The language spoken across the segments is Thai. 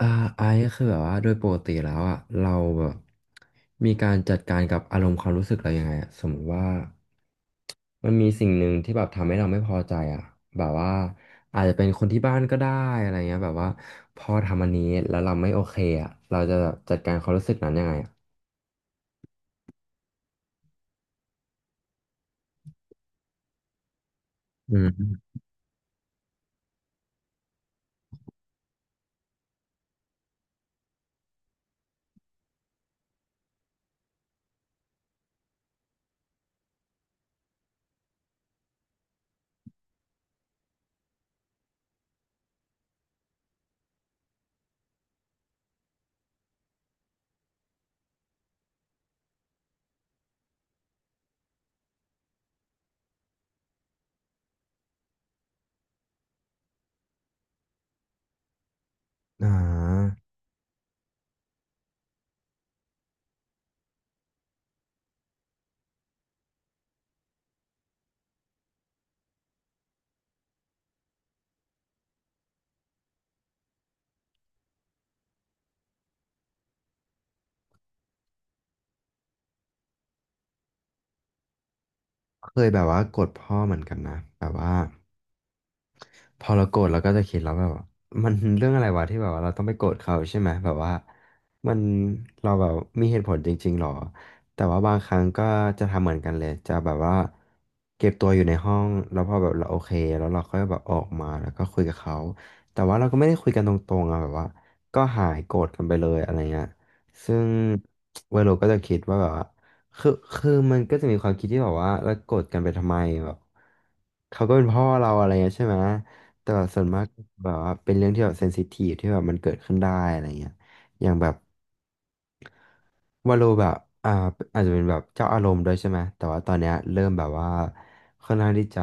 อ่าไอซ์ก็คือแบบว่าโดยปกติแล้วอ่ะเราแบบมีการจัดการกับอารมณ์ความรู้สึกเรายังไงอะสมมติว่ามันมีสิ่งหนึ่งที่แบบทำให้เราไม่พอใจอ่ะแบบว่าอาจจะเป็นคนที่บ้านก็ได้อะไรเงี้ยแบบว่าพอทำอันนี้แล้วเราไม่โอเคอ่ะเราจะจัดการความรู้สึกนั้นยังไงอะอืมอ่าเคยแบบว่ากดพ่อเหมือนกันนะแบบว่า พอเราโกรธเราก็จะคิดแล้วแบบว่ามันเรื่องอะไรวะที่แบบว่าเราต้องไปโกรธเขาใช่ไหมแบบว่ามันเราแบบมีเหตุผลจริงๆหรอแต่ว่าบางครั้งก็จะทำเหมือนกันเลยจะแบบว่าเก็บตัวอยู่ในห้องแล้วพอแบบเราโอเคแล้วเราก็แบบออกมาแล้วก็คุยกับเขาแต่ว่าเราก็ไม่ได้คุยกันตรงๆอะแบบว่าก็หายโกรธกันไปเลยอะไรเงี้ยซึ่งเวโรก็จะคิดว่าแบบว่าคือมันก็จะมีความคิดที่แบบว่าเราโกรธกันไปทำไมแบบเขาก็เป็นพ่อเราอะไรเงี้ยใช่ไหม แต่แบบส่วนมากแบบว่าเป็นเรื่องที่แบบเซนซิทีฟที่แบบมันเกิดขึ้นได้อะไรเงี้ยอย่างแบบ วาโลแบบอ่าอาจจะเป็นแบบเจ้าอารมณ์ด้วยใช่ไหมแต่ว่าตอนเนี้ยเริ่มแบบว่าค่อนข้างที่จะ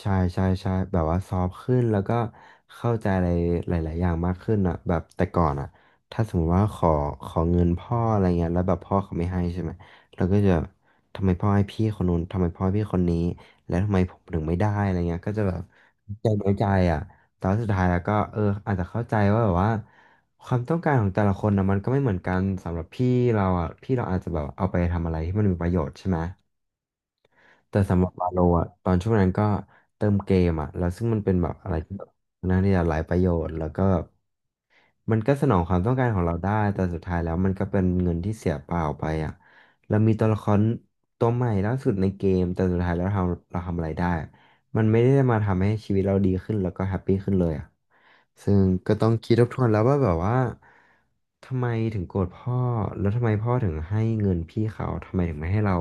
ใช่ใช่ใช่แบบว่าซอฟต์ขึ้นแล้วก็เข้าใจอะไรหลายๆอย่างมากขึ้นอ่ะแบบแต่ก่อนอ่ะถ้าสมมติว่าขอเงินพ่ออะไรเงี้ยแล้วแบบพ่อเขาไม่ให้ใช่ไหมเราก็จะทำไมพ่อให้พี่คนนู้นทำไมพ่อให้พี่คนนี้แล้วทำไมผมถึงไม่ได้อะไรเงี้ยก็จะแบบใจน้อยใจอ่ะแต่ว่าสุดท้ายแล้วก็เอออาจจะเข้าใจว่าแบบว่า ความต้องการของแต่ละคนนะมันก็ไม่เหมือนกันสำหรับพี่เราอ่ะพี่เราอาจจะแบบเอาไปทำอะไรที่มันมีประโยชน์ใช่ไหมแต่สำหรับบาโลอ่ะตอนช่วงนั้นก็เติมเกมอ่ะแล้วซึ่งมันเป็นแบบอะไรที่แบบน่นางที่จะหลายประโยชน์แล้วก็มันก็สนองความต้องการของเราได้แต่สุดท้ายแล้วมันก็เป็นเงินที่เสียเปล่าไปอ่ะเรามีตัวละครตัวใหม่ล่าสุดในเกมแต่สุดท้ายแล้วเราทำอะไรได้ มันไม่ได้มาทำให้ชีวิตเราดีขึ้นแล้วก็แฮปปี้ขึ้นเลยอ่ะซึ่งก็ต้องคิดทบทวนแล้วว่าแบบว่าทำไมถึงโกรธพ่อแล้วทำไมพ่อถึงให้เงินพี่เขาทำไมถึงไม่ให้เรา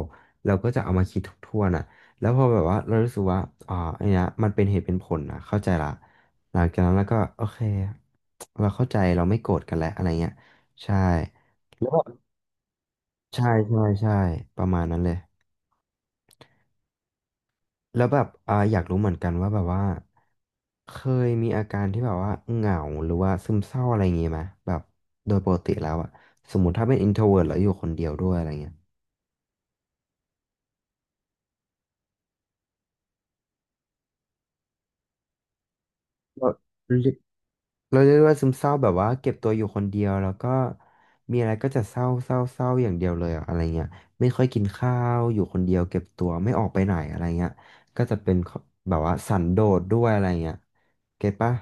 เราก็จะเอามาคิดทบทวนอ่ะแล้วพอแบบว่าเรารู้สึกว่าอ๋ออันเนี้ยมันเป็นเหตุเป็นผลนะเข้าใจละหลังจากนั้นเราก็โอเคเราเข้าใจเราไม่โกรธกันแล้วอะไรเงี้ยใช่แล้วแบบใช่ใช่ใช่ประมาณนั้นเลย แล้วแบบอยากรู้เหมือนกันว่าแบบว่าเคยมีอาการที่แบบว่าเหงาหรือว่าซึมเศร้าอะไรอย่างงี้ไหมแบบโดยปกติแล้วอะสมมติถ้าเป็น introvert แล้วอยู่คนเดียวด้วยอะไรเงี้ยเราเรียกเราเรียกว่าซึมเศร้าแบบว่าเก็บตัวอยู่คนเดียวแล้วก็มีอะไรก็จะเศร้าอย่างเดียวเลยอะอะไรเงี้ยไม่ค่อยกินข้าวอยู่คนเดียวเก็บตัวไม่ออกไปไหนอะไรเงี้ยก็จะเป็นแบบว่าสันโดษด้วยอะไรเงี้ยเก็ตปะ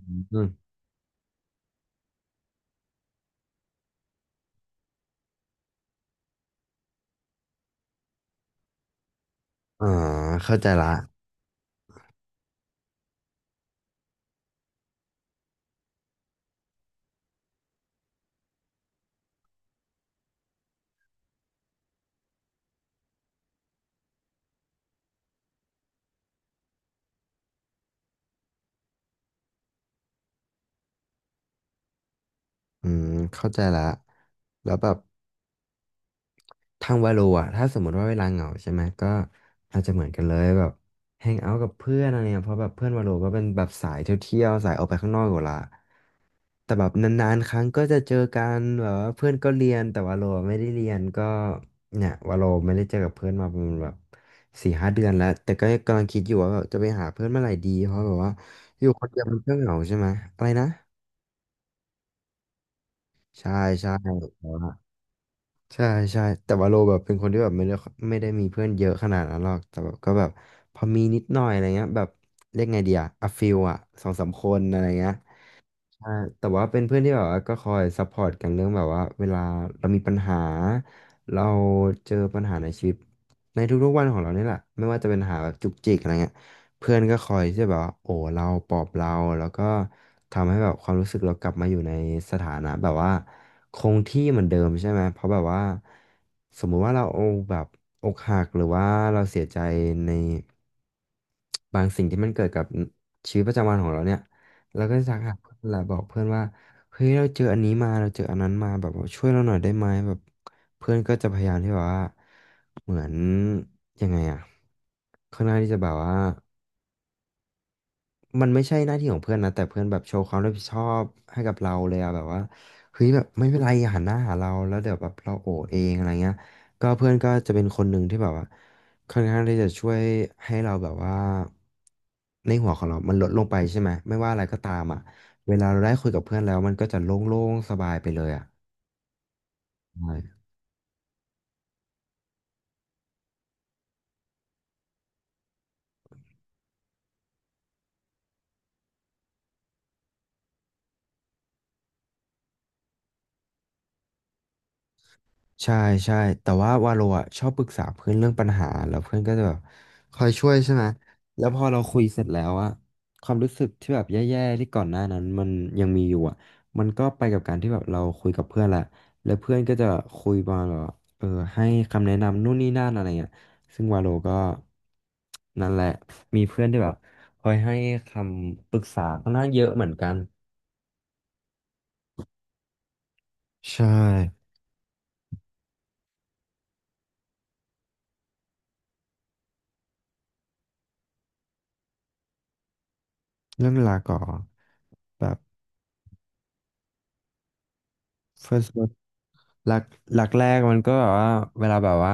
อืมอ่าเข้าใจละ อืมเข้าใจละแล้วแบบทางวาโลอ่ะถ้าสมมติว่าเวลาเหงาใช่ไหมก็อาจจะเหมือนกันเลยแบบแฮงเอาท์กับเพื่อนอะไรเนี่ยเพราะแบบเพื่อนวาโลก็เป็นแบบสายเที่ยวๆสายออกไปข้างนอกอยู่ละแต่แบบนานๆครั้งก็จะเจอกันแบบว่าเพื่อนก็เรียนแต่วาโลไม่ได้เรียนก็เนี่ยวาโลไม่ได้เจอกับเพื่อนมาประมาณแบบ4-5 เดือนแล้วแต่ก็กำลังคิดอยู่ว่าแบบจะไปหาเพื่อนเมื่อไหร่ดีเพราะแบบว่าอยู่คนเดียวมันก็เหงาใช่ไหมอะไรนะใช่ใช่ ใช่ใช่แต่ว่าโลแบบเป็นคนที่แบบไม่ได้มีเพื่อนเยอะขนาดนั้นหรอกแต่แบบก็แบบพอมีนิดหน่อยอะไรเงี้ยแบบเรียกไงดีอะอะฟิลอะสองสามคนอะไรเงี้ย ใช่แต่ว่าเป็นเพื่อนที่แบบว่าก็คอยซัพพอร์ตกันเรื่องแบบว่าเวลาเรามีปัญหาเราเจอปัญหาในชีวิตในทุกๆวันของเรานี่แหละไม่ว่าจะเป็นปัญหาแบบจุกจิกอะไรเงี้ยเพื่อนก็คอยที่จะแบบว่าโอ้เราปลอบเราแล้วก็ทำให้แบบความรู้สึกเรากลับมาอยู่ในสถานะแบบว่าคงที่เหมือนเดิมใช่ไหมเพราะแบบว่าสมมุติว่าเราแบบอกหักหรือว่าเราเสียใจในบางสิ่งที่มันเกิดกับชีวิตประจำวันของเราเนี่ย แล้วก็สักหาเพื่อนแหละบอกเพื่อนว่าเฮ้ยเราเจออันนี้มาเราเจออันนั้นมาแบบว่าช่วยเราหน่อยได้ไหมแบบเพื่อนก็จะพยายามที่แบบว่าเหมือนยังไงอะค่อนข้างที่จะแบบว่า มันไม่ใช่หน้าที่ของเพื่อนนะแต่เพื่อนแบบโชว์ความรับผิดชอบให้กับเราเลยอะแบบว่าเฮ้ยแบบไม่เป็นไราหันหน้าหาเราแล้วเดี๋ยวแบบเราโอเองอะไรเงี้ยก็เพื่อนก็จะเป็นคนหนึ่งที่แบบว่าค่อนข้างที่จะช่วยให้เราแบบว่าในหัวของเรามันลดลงไปใช่ไหมไม่ว่าอะไรก็ตามอะเวลาเราได้คุยกับเพื่อนแล้วมันก็จะโล่งๆสบายไปเลยอะ ใช่ใช่แต่ว่าวาโลอ่ะชอบปรึกษาเพื่อนเรื่องปัญหาแล้วเพื่อนก็จะแบบคอยช่วยใช่ไหมแล้วพอเราคุยเสร็จแล้วอะความรู้สึกที่แบบแย่ๆที่ก่อนหน้านั้นมันยังมีอยู่อะมันก็ไปกับการที่แบบเราคุยกับเพื่อนแหละแล้วเพื่อนก็จะคุยประมาณแบบว่าเออให้คำแนะนำนู่นนี่นั่นอะไรเงี้ยซึ่งวาโลก็นั่นแหละมีเพื่อนที่แบบคอยให้คำปรึกษาค่อนข้างเยอะเหมือนกันใช่เรื่องเวลาก่อนแบบ first หลักหลักแรกมันก็แบบว่าเวลาแบบว่า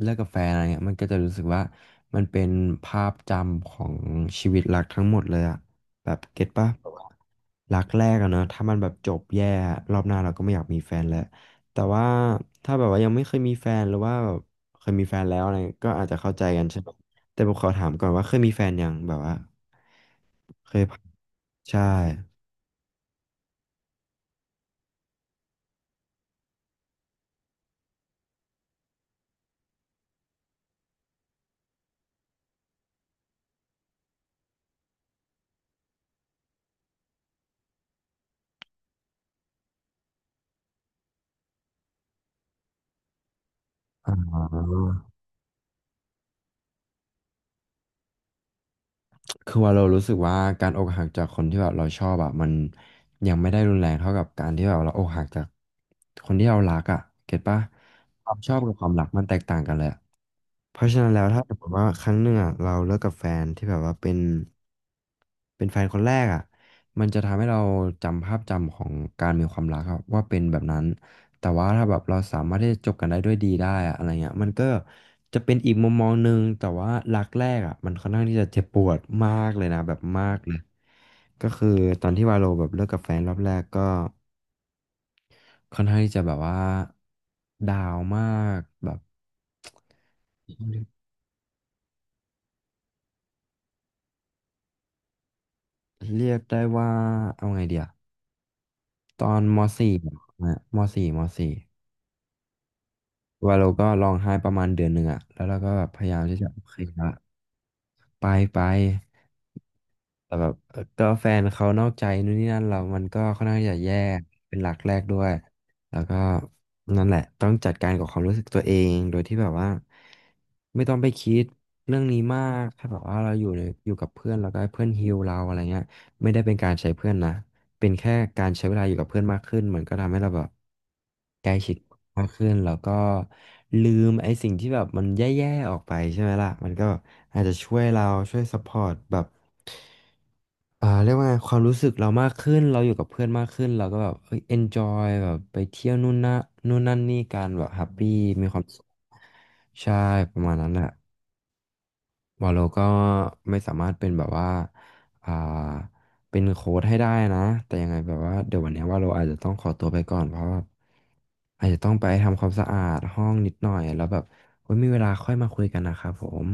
เลิกกับแฟนอะไรเงี้ยมันก็จะรู้สึกว่ามันเป็นภาพจำของชีวิตรักทั้งหมดเลยอะแบบเก็ตปะแบบว่ารักแรกอะเนอะถ้ามันแบบจบแย่อะรอบหน้าเราก็ไม่อยากมีแฟนแล้วแต่ว่าถ้าแบบว่ายังไม่เคยมีแฟนหรือว่าแบบเคยมีแฟนแล้วอะไรเงี้ยก็อาจจะเข้าใจกันใช่ปะแต่ผมขอถามก่อนว่าเคยมีแฟนยังแบบว่าเคยผ่านใช่อ๋อ คือว่าเรารู้สึกว่าการอกหักจากคนที่แบบเราชอบอะมันยังไม่ได้รุนแรงเท่ากับการที่แบบเราอกหักจากคนที่เรารักอะเก็ตปะความชอบกับความรักมันแตกต่างกันเลยอะ เพราะฉะนั้นแล้วถ้าสมมติว่าครั้งหนึ่งอ่ะเราเลิกกับแฟนที่แบบว่าเป็นเป็นแฟนคนแรกอ่ะมันจะทำให้เราจำภาพจำของการมีความรักครับว่าเป็นแบบนั้นแต่ว่าถ้าแบบเราสามารถที่จะจบกันได้ด้วยดีได้อะอะไรเงี้ยมันก็จะเป็นอีกมุมมองหนึ่งแต่ว่ารักแรกอ่ะมันค่อนข้างที่จะเจ็บปวดมากเลยนะแบบมากเลยก็คือตอนที่วาโลแบบเลิกกับแฟนรอบแรกก็ค่อนข้างที่จะแบบว่าดาวมากแบบ เรียกได้ว่า เอาไงเดียตอนมสี่นะมสี่ว่าเราก็ร้องไห้ประมาณเดือนหนึ่งอะแล้วเราก็แบบพยายามที่จะโอเคละไปไป แต่แบบก็แฟนเขานอกใจนู่นนี่นั่นเรามันก็ค่อนข้างจะแย่เป็นหลักแรกด้วยแล้วก็นั่นแหละต้องจัดการกับความรู้สึกตัวเองโดยที่แบบว่าไม่ต้องไปคิดเรื่องนี้มากถ้าแบบว่าเราอยู่ในอยู่กับเพื่อนแล้วก็ให้เพื่อนฮีลเราอะไรเงี้ยไม่ได้เป็นการใช้เพื่อนนะเป็นแค่การใช้เวลาอยู่กับเพื่อนมากขึ้นมันก็ทำให้เราแบบใกล้ชิด มากขึ้นแล้วก็ลืมไอ้สิ่งที่แบบมันแย่ๆออกไปใช่ไหมล่ะมันก็อาจจะช่วยเราช่วยซัพพอร์ตแบบเรียกว่าไงความรู้สึกเรามากขึ้นเราอยู่กับเพื่อนมากขึ้นเราก็แบบเอ้ย enjoy แบบไปเที่ยวนู่นนะนู่นนั่นนี่กันแบบแฮปปี้มีความสุขใช่ประมาณนั้นแหละ วาโลก็ไม่สามารถเป็นแบบว่าอ่าเป็นโค้ดให้ได้นะ แต่ยังไงแบบว่าเดี๋ยววันเนี้ยว่าเราอาจจะต้องขอตัวไปก่อน เพราะว่าอาจจะต้องไปทำความสะอาดห้องนิดหน่อย แล้วแบบไว้มีเวลาค่อยมาคุยกันนะครับผม